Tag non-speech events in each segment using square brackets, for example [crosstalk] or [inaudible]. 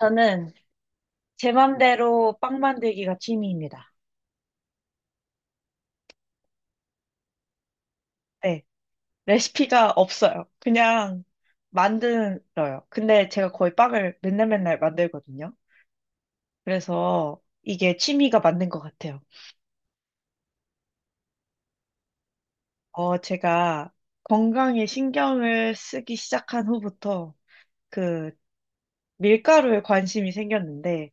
저는 제 맘대로 빵 만들기가 취미입니다. 네. 레시피가 없어요. 그냥 만들어요. 근데 제가 거의 빵을 맨날 맨날 만들거든요. 그래서 이게 취미가 맞는 것 같아요. 어, 제가 건강에 신경을 쓰기 시작한 후부터 그 밀가루에 관심이 생겼는데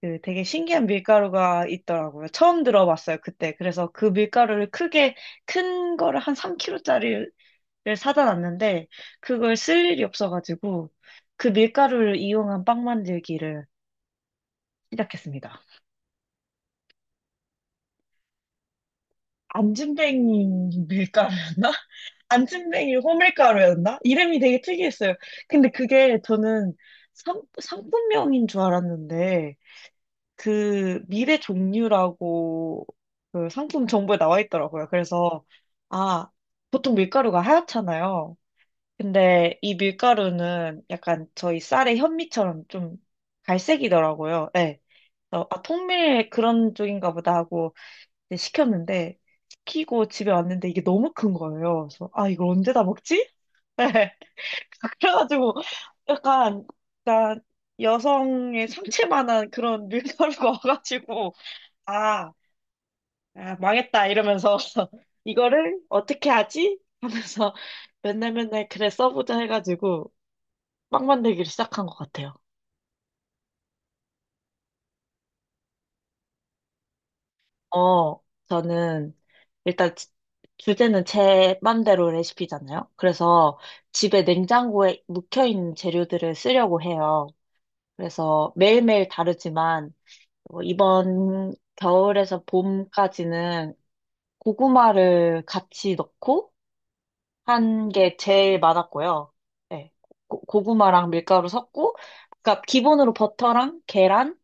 그 되게 신기한 밀가루가 있더라고요. 처음 들어봤어요, 그때. 그래서 그 밀가루를 크게 큰 거를 한 3kg짜리 를 사다 놨는데 그걸 쓸 일이 없어가지고 그 밀가루를 이용한 빵 만들기를 시작했습니다. 안진뱅이 밀가루였나? [laughs] 안진뱅이 호밀가루였나? 이름이 되게 특이했어요. 근데 그게 저는 상품명인 줄 알았는데 그 밀의 종류라고 그 상품 정보에 나와 있더라고요. 그래서 아 보통 밀가루가 하얗잖아요. 근데 이 밀가루는 약간 저희 쌀의 현미처럼 좀 갈색이더라고요. 네. 그래서 아, 통밀 그런 쪽인가 보다 하고 이제 시켰는데 시키고 집에 왔는데 이게 너무 큰 거예요. 그래서 아 이걸 언제 다 먹지? [laughs] 그래가지고 약간 약간 여성의 상체만한 그런 밀가루가 [laughs] 와가지고 아, 아, 망했다 이러면서 [laughs] 이거를 어떻게 하지? 하면서 맨날 맨날 그래 써보자 해가지고 빵 만들기를 시작한 것 같아요. 어, 저는 일단 주제는 제 맘대로 레시피잖아요. 그래서 집에 냉장고에 묵혀있는 재료들을 쓰려고 해요. 그래서 매일매일 다르지만 어, 이번 겨울에서 봄까지는 고구마를 같이 넣고 한 게 제일 많았고요. 네, 고구마랑 밀가루 섞고, 그러니까 기본으로 버터랑 계란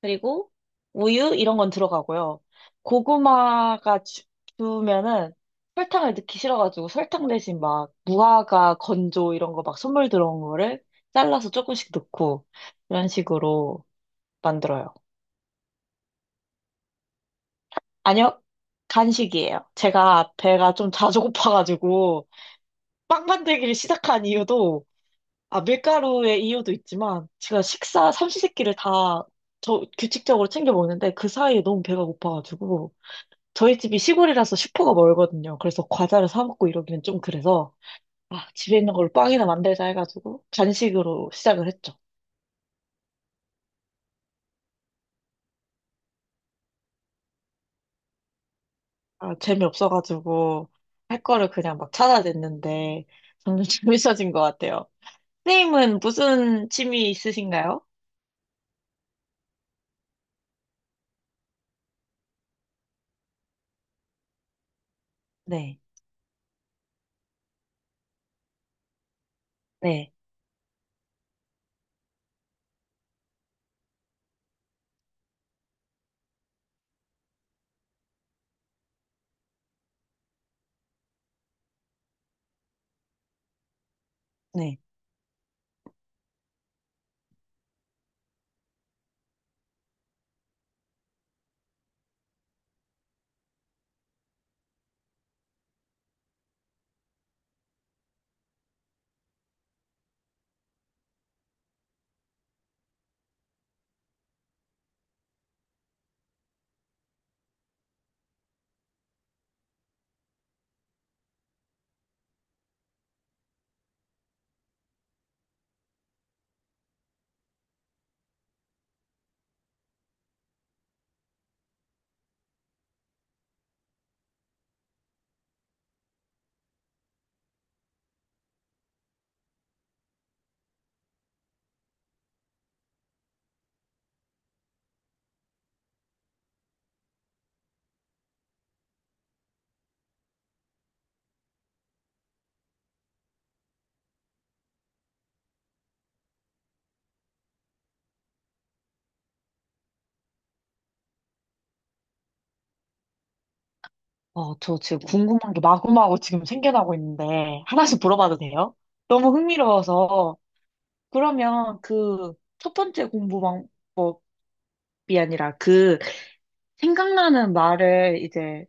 그리고 우유 이런 건 들어가고요. 고구마가 주면은 설탕을 넣기 싫어가지고 설탕 대신 막 무화과 건조 이런 거 막 선물 들어온 거를 잘라서 조금씩 넣고 이런 식으로 만들어요. 아니요, 간식이에요. 제가 배가 좀 자주 고파가지고 빵 만들기를 시작한 이유도 아 밀가루의 이유도 있지만 제가 식사 삼시세끼를 다 저 규칙적으로 챙겨 먹는데 그 사이에 너무 배가 고파가지고 저희 집이 시골이라서 슈퍼가 멀거든요. 그래서 과자를 사 먹고 이러기는 좀 그래서 아, 집에 있는 걸로 빵이나 만들자 해가지고 간식으로 시작을 했죠. 아, 재미없어가지고 할 거를 그냥 막 찾아냈는데 점점 [laughs] 재밌어진 것 같아요. 선생님은 무슨 취미 있으신가요? 네, 네, 네. 어, 저 지금 궁금한 게 마구마구 지금 생겨나고 있는데 하나씩 물어봐도 돼요? 너무 흥미로워서 그러면 그 첫 번째 공부 방법이 아니라 그 생각나는 말을 이제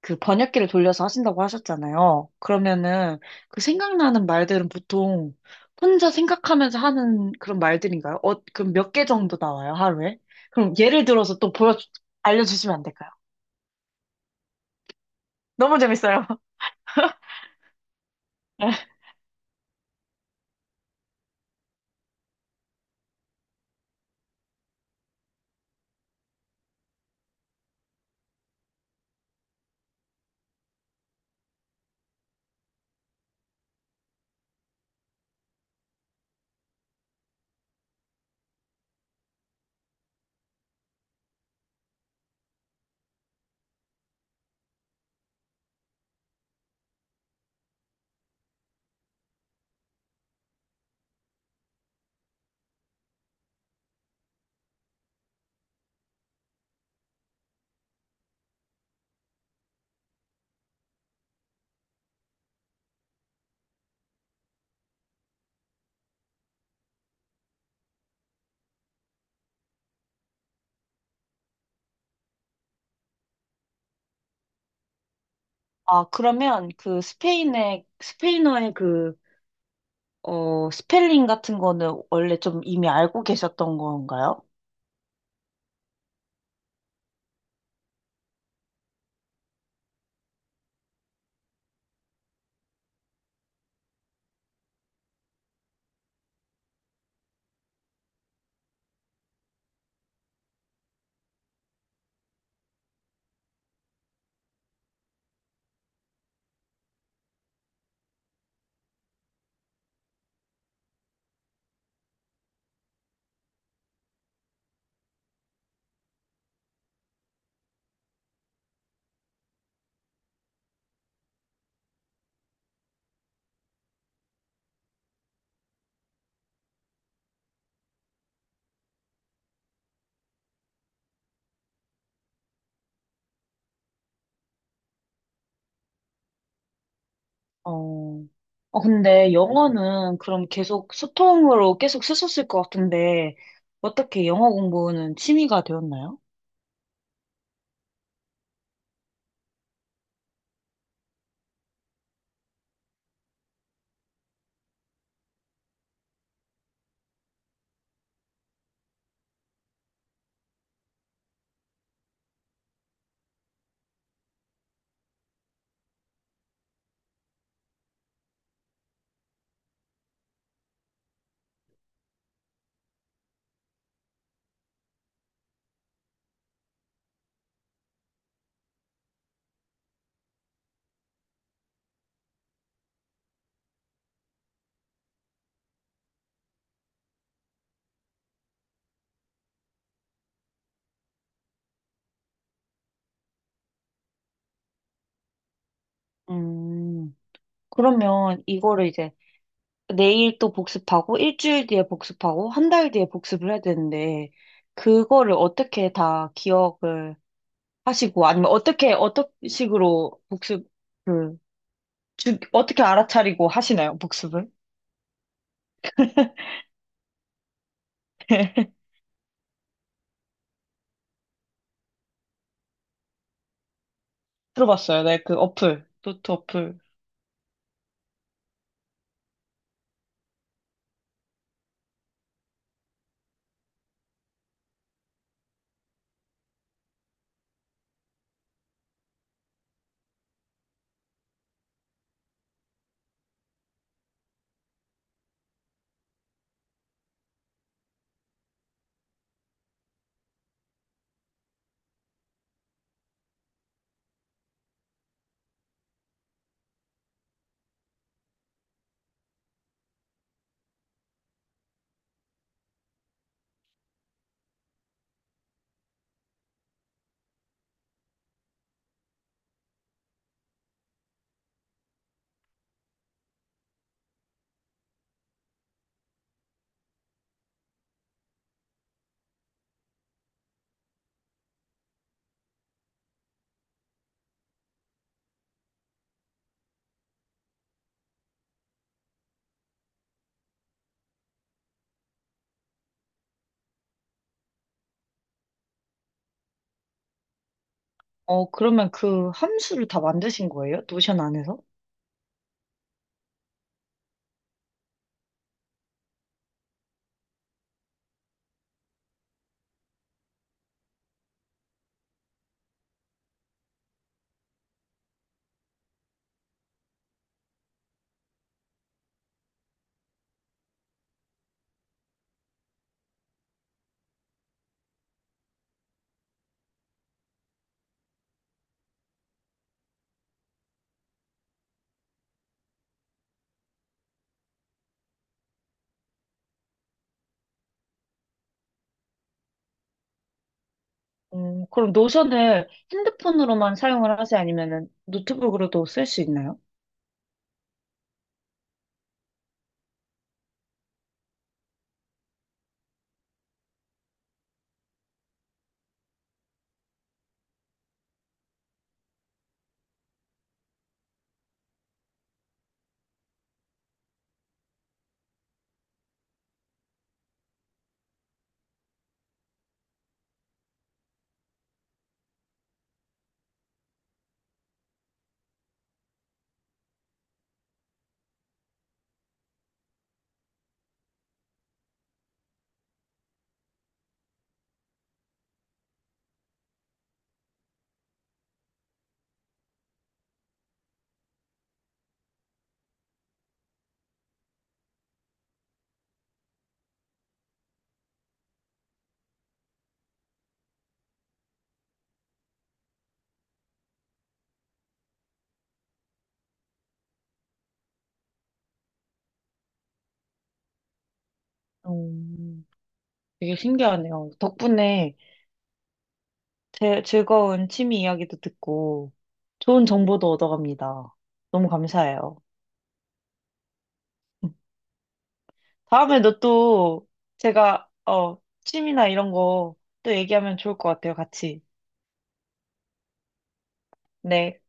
그 번역기를 돌려서 하신다고 하셨잖아요. 그러면은 그 생각나는 말들은 보통 혼자 생각하면서 하는 그런 말들인가요? 어, 그럼 몇 개 정도 나와요, 하루에? 그럼 예를 들어서 또 알려주시면 안 될까요? 너무 재밌어요. [laughs] 네. 아, 그러면 그 스페인어의 그, 어, 스펠링 같은 거는 원래 좀 이미 알고 계셨던 건가요? 어, 어, 근데 영어는 그럼 계속 소통으로 계속 쓰셨을 것 같은데, 어떻게 영어 공부는 취미가 되었나요? 음, 그러면 이거를 이제 내일 또 복습하고, 일주일 뒤에 복습하고, 한 달 뒤에 복습을 해야 되는데, 그거를 어떻게 다 기억을 하시고, 아니면 어떻게, 어떤 식으로 복습을, 어떻게 알아차리고 하시나요? 복습을? 들어봤어요. 네, 그 어플, 노트 어플. 어, 그러면 그 함수를 다 만드신 거예요? 노션 안에서? 그럼 노션을 핸드폰으로만 사용을 하세요? 아니면은 노트북으로도 쓸 수 있나요? 음, 되게 신기하네요. 덕분에 즐거운 취미 이야기도 듣고 좋은 정보도 얻어갑니다. 너무 감사해요. 다음에도 또 제가, 어, 취미나 이런 거 또 얘기하면 좋을 것 같아요, 같이. 네.